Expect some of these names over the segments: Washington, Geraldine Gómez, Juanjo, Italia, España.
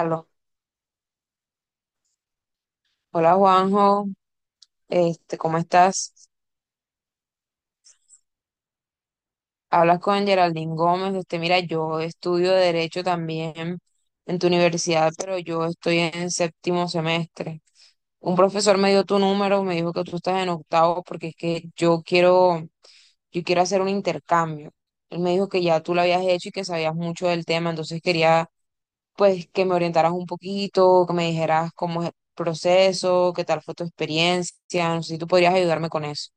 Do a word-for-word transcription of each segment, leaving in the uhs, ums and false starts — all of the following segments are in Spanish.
Aló. Hola Juanjo, este, ¿cómo estás? Hablas con Geraldine Gómez, usted mira, yo estudio Derecho también en tu universidad, pero yo estoy en séptimo semestre. Un profesor me dio tu número, me dijo que tú estás en octavo porque es que yo quiero, yo quiero hacer un intercambio. Él me dijo que ya tú lo habías hecho y que sabías mucho del tema, entonces quería pues que me orientaras un poquito, que me dijeras cómo es el proceso, qué tal fue tu experiencia, no sé si tú podrías ayudarme con eso.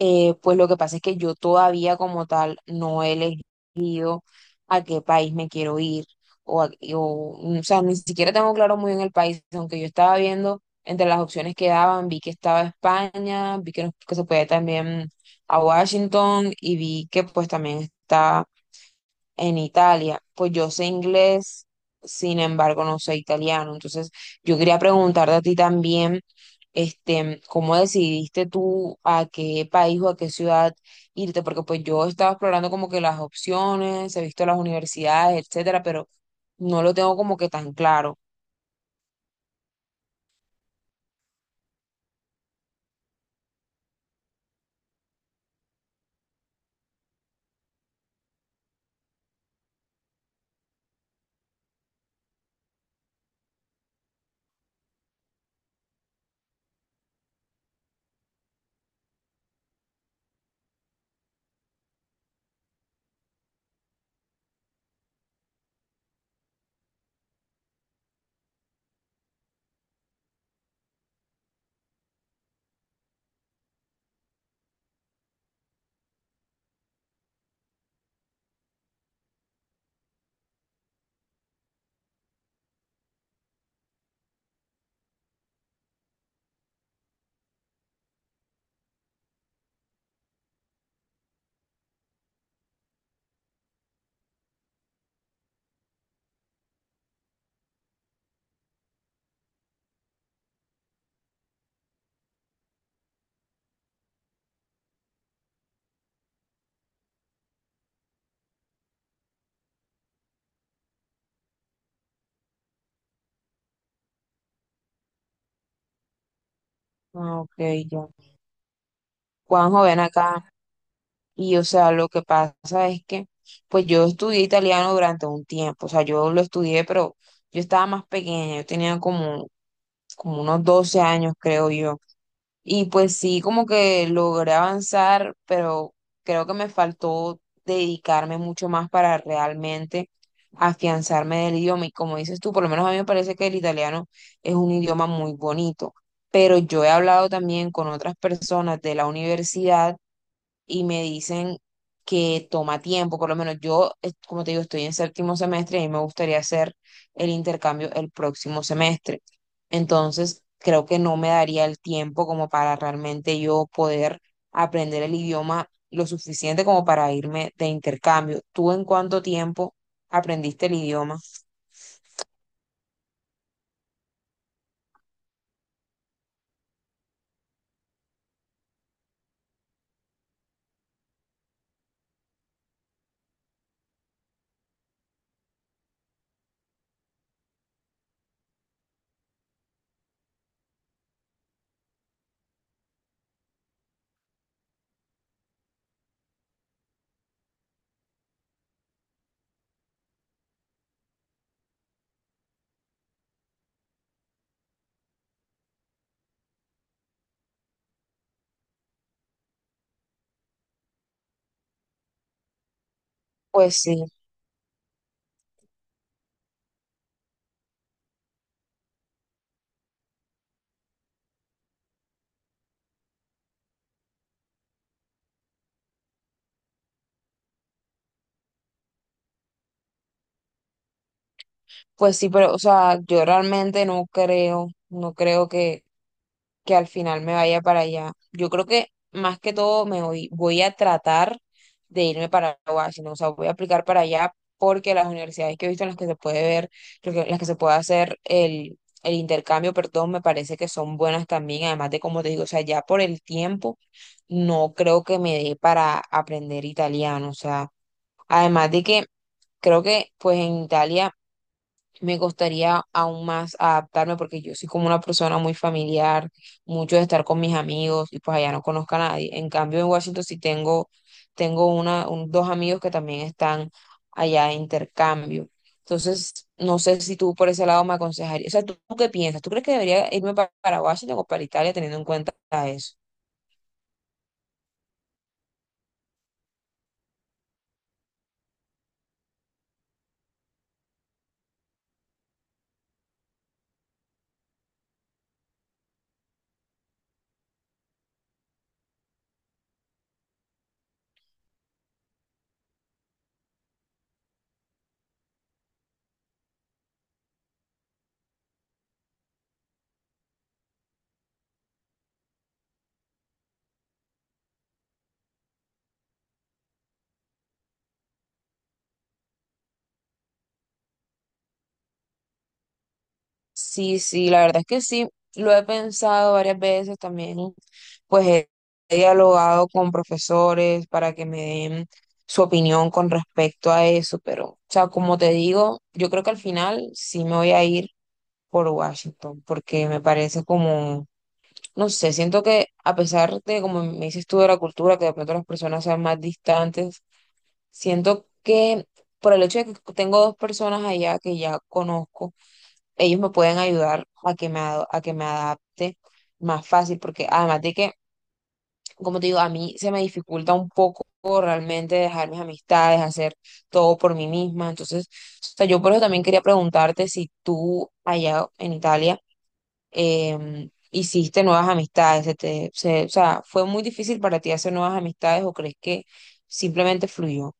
Eh, pues lo que pasa es que yo todavía como tal no he elegido a qué país me quiero ir o, a- o, mm, o sea, ni siquiera tengo claro muy bien el país, aunque yo estaba viendo entre las opciones que daban, vi que estaba España, vi que, nos- que se podía también a Washington y vi que pues también está en Italia. Pues yo sé inglés, sin embargo, no sé italiano. Entonces, yo quería preguntarte a ti también, este, ¿cómo decidiste tú a qué país o a qué ciudad irte? Porque pues yo estaba explorando como que las opciones, he visto las universidades, etcétera, pero no lo tengo como que tan claro. Ah, ok, ya. Juanjo, ven acá. Y o sea, lo que pasa es que, pues yo estudié italiano durante un tiempo. O sea, yo lo estudié, pero yo estaba más pequeña, yo tenía como como unos doce años, creo yo. Y pues sí, como que logré avanzar, pero creo que me faltó dedicarme mucho más para realmente afianzarme del idioma. Y como dices tú, por lo menos a mí me parece que el italiano es un idioma muy bonito, pero yo he hablado también con otras personas de la universidad y me dicen que toma tiempo, por lo menos yo, eh, como te digo, estoy en séptimo semestre y a mí me gustaría hacer el intercambio el próximo semestre. Entonces, creo que no me daría el tiempo como para realmente yo poder aprender el idioma lo suficiente como para irme de intercambio. ¿Tú en cuánto tiempo aprendiste el idioma? Pues sí, pues sí, pero o sea, yo realmente no creo, no creo que que al final me vaya para allá. Yo creo que más que todo me voy, voy a tratar de irme para Washington, o sea, voy a aplicar para allá porque las universidades que he visto en las que se puede ver, lo que- las que se puede hacer el, el intercambio, perdón, me parece que son buenas también, además de como te digo, o sea, ya por el tiempo no creo que me dé para aprender italiano, o sea, además de que creo que pues en Italia me gustaría aún más adaptarme porque yo soy como una persona muy familiar, mucho de estar con mis amigos y pues allá no conozco a nadie. En cambio, en Washington sí tengo, tengo una, un- dos amigos que también están allá de intercambio. Entonces, no sé si tú por ese lado me aconsejarías. O sea, ¿tú qué piensas? ¿Tú crees que debería irme pa- para Washington o para Italia teniendo en cuenta eso? Sí, sí, la verdad es que sí, lo he pensado varias veces también, pues he, he dialogado con profesores para que me den su opinión con respecto a eso, pero, o sea, como te digo, yo creo que al final sí me voy a ir por Washington, porque me parece como, no sé, siento que a pesar de, como me dices tú, de la cultura, que de pronto las personas sean más distantes, siento que por el hecho de que tengo dos personas allá que ya conozco, ellos me pueden ayudar a que me, ad- a que me adapte más fácil, porque además de que, como te digo, a mí se me dificulta un poco realmente dejar mis amistades, hacer todo por mí misma. Entonces, o sea, yo por eso también quería preguntarte si tú allá en Italia em, hiciste nuevas amistades, se te- se- o sea, ¿fue muy difícil para ti hacer nuevas amistades o crees que simplemente fluyó?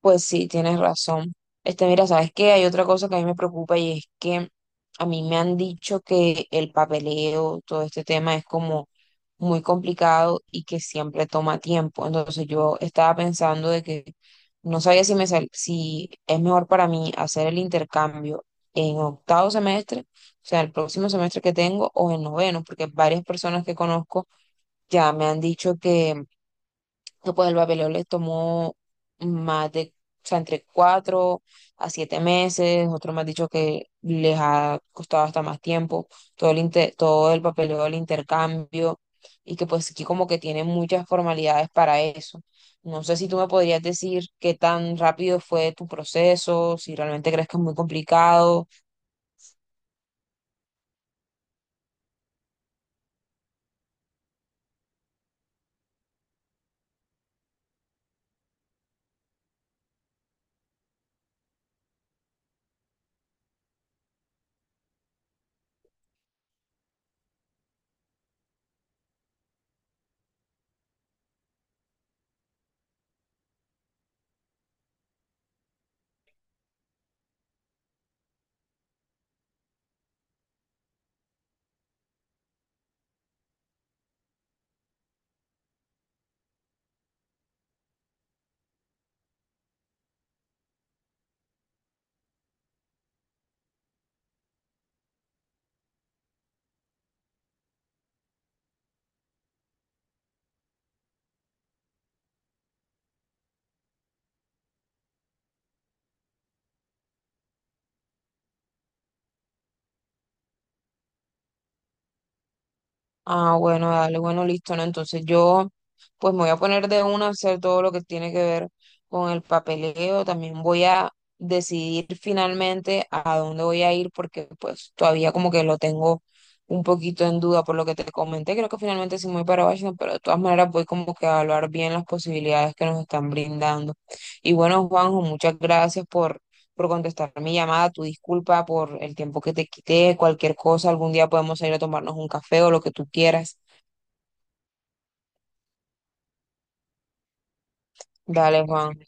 Pues sí, tienes razón. Este, mira, ¿sabes qué? Hay otra cosa que a mí me preocupa y es que a mí me han dicho que el papeleo, todo este tema es como muy complicado y que siempre toma tiempo. Entonces yo estaba pensando de que no sabía si me sal- si es mejor para mí hacer el intercambio en octavo semestre, o sea, el próximo semestre que tengo, o en noveno, porque varias personas que conozco ya me han dicho que que pues el papeleo les tomó más de, o sea, entre cuatro a siete meses, otros me han dicho que les ha costado hasta más tiempo, todo el, inte- todo el papeleo del intercambio, y que pues aquí como que tienen muchas formalidades para eso. No sé si tú me podrías decir qué tan rápido fue tu proceso, si realmente crees que es muy complicado. Ah, bueno, dale, bueno, listo, ¿no? Entonces yo, pues me voy a poner de una a hacer todo lo que tiene que ver con el papeleo. También voy a decidir finalmente a dónde voy a ir porque pues todavía como que lo tengo un poquito en duda por lo que te comenté. Creo que finalmente sí me voy para Washington, pero de todas maneras voy como que a evaluar bien las posibilidades que nos están brindando. Y bueno, Juanjo, muchas gracias por por contestar mi llamada, tu disculpa por el tiempo que te quité, cualquier cosa, algún día podemos ir a tomarnos un café o lo que tú quieras. Dale, Juan.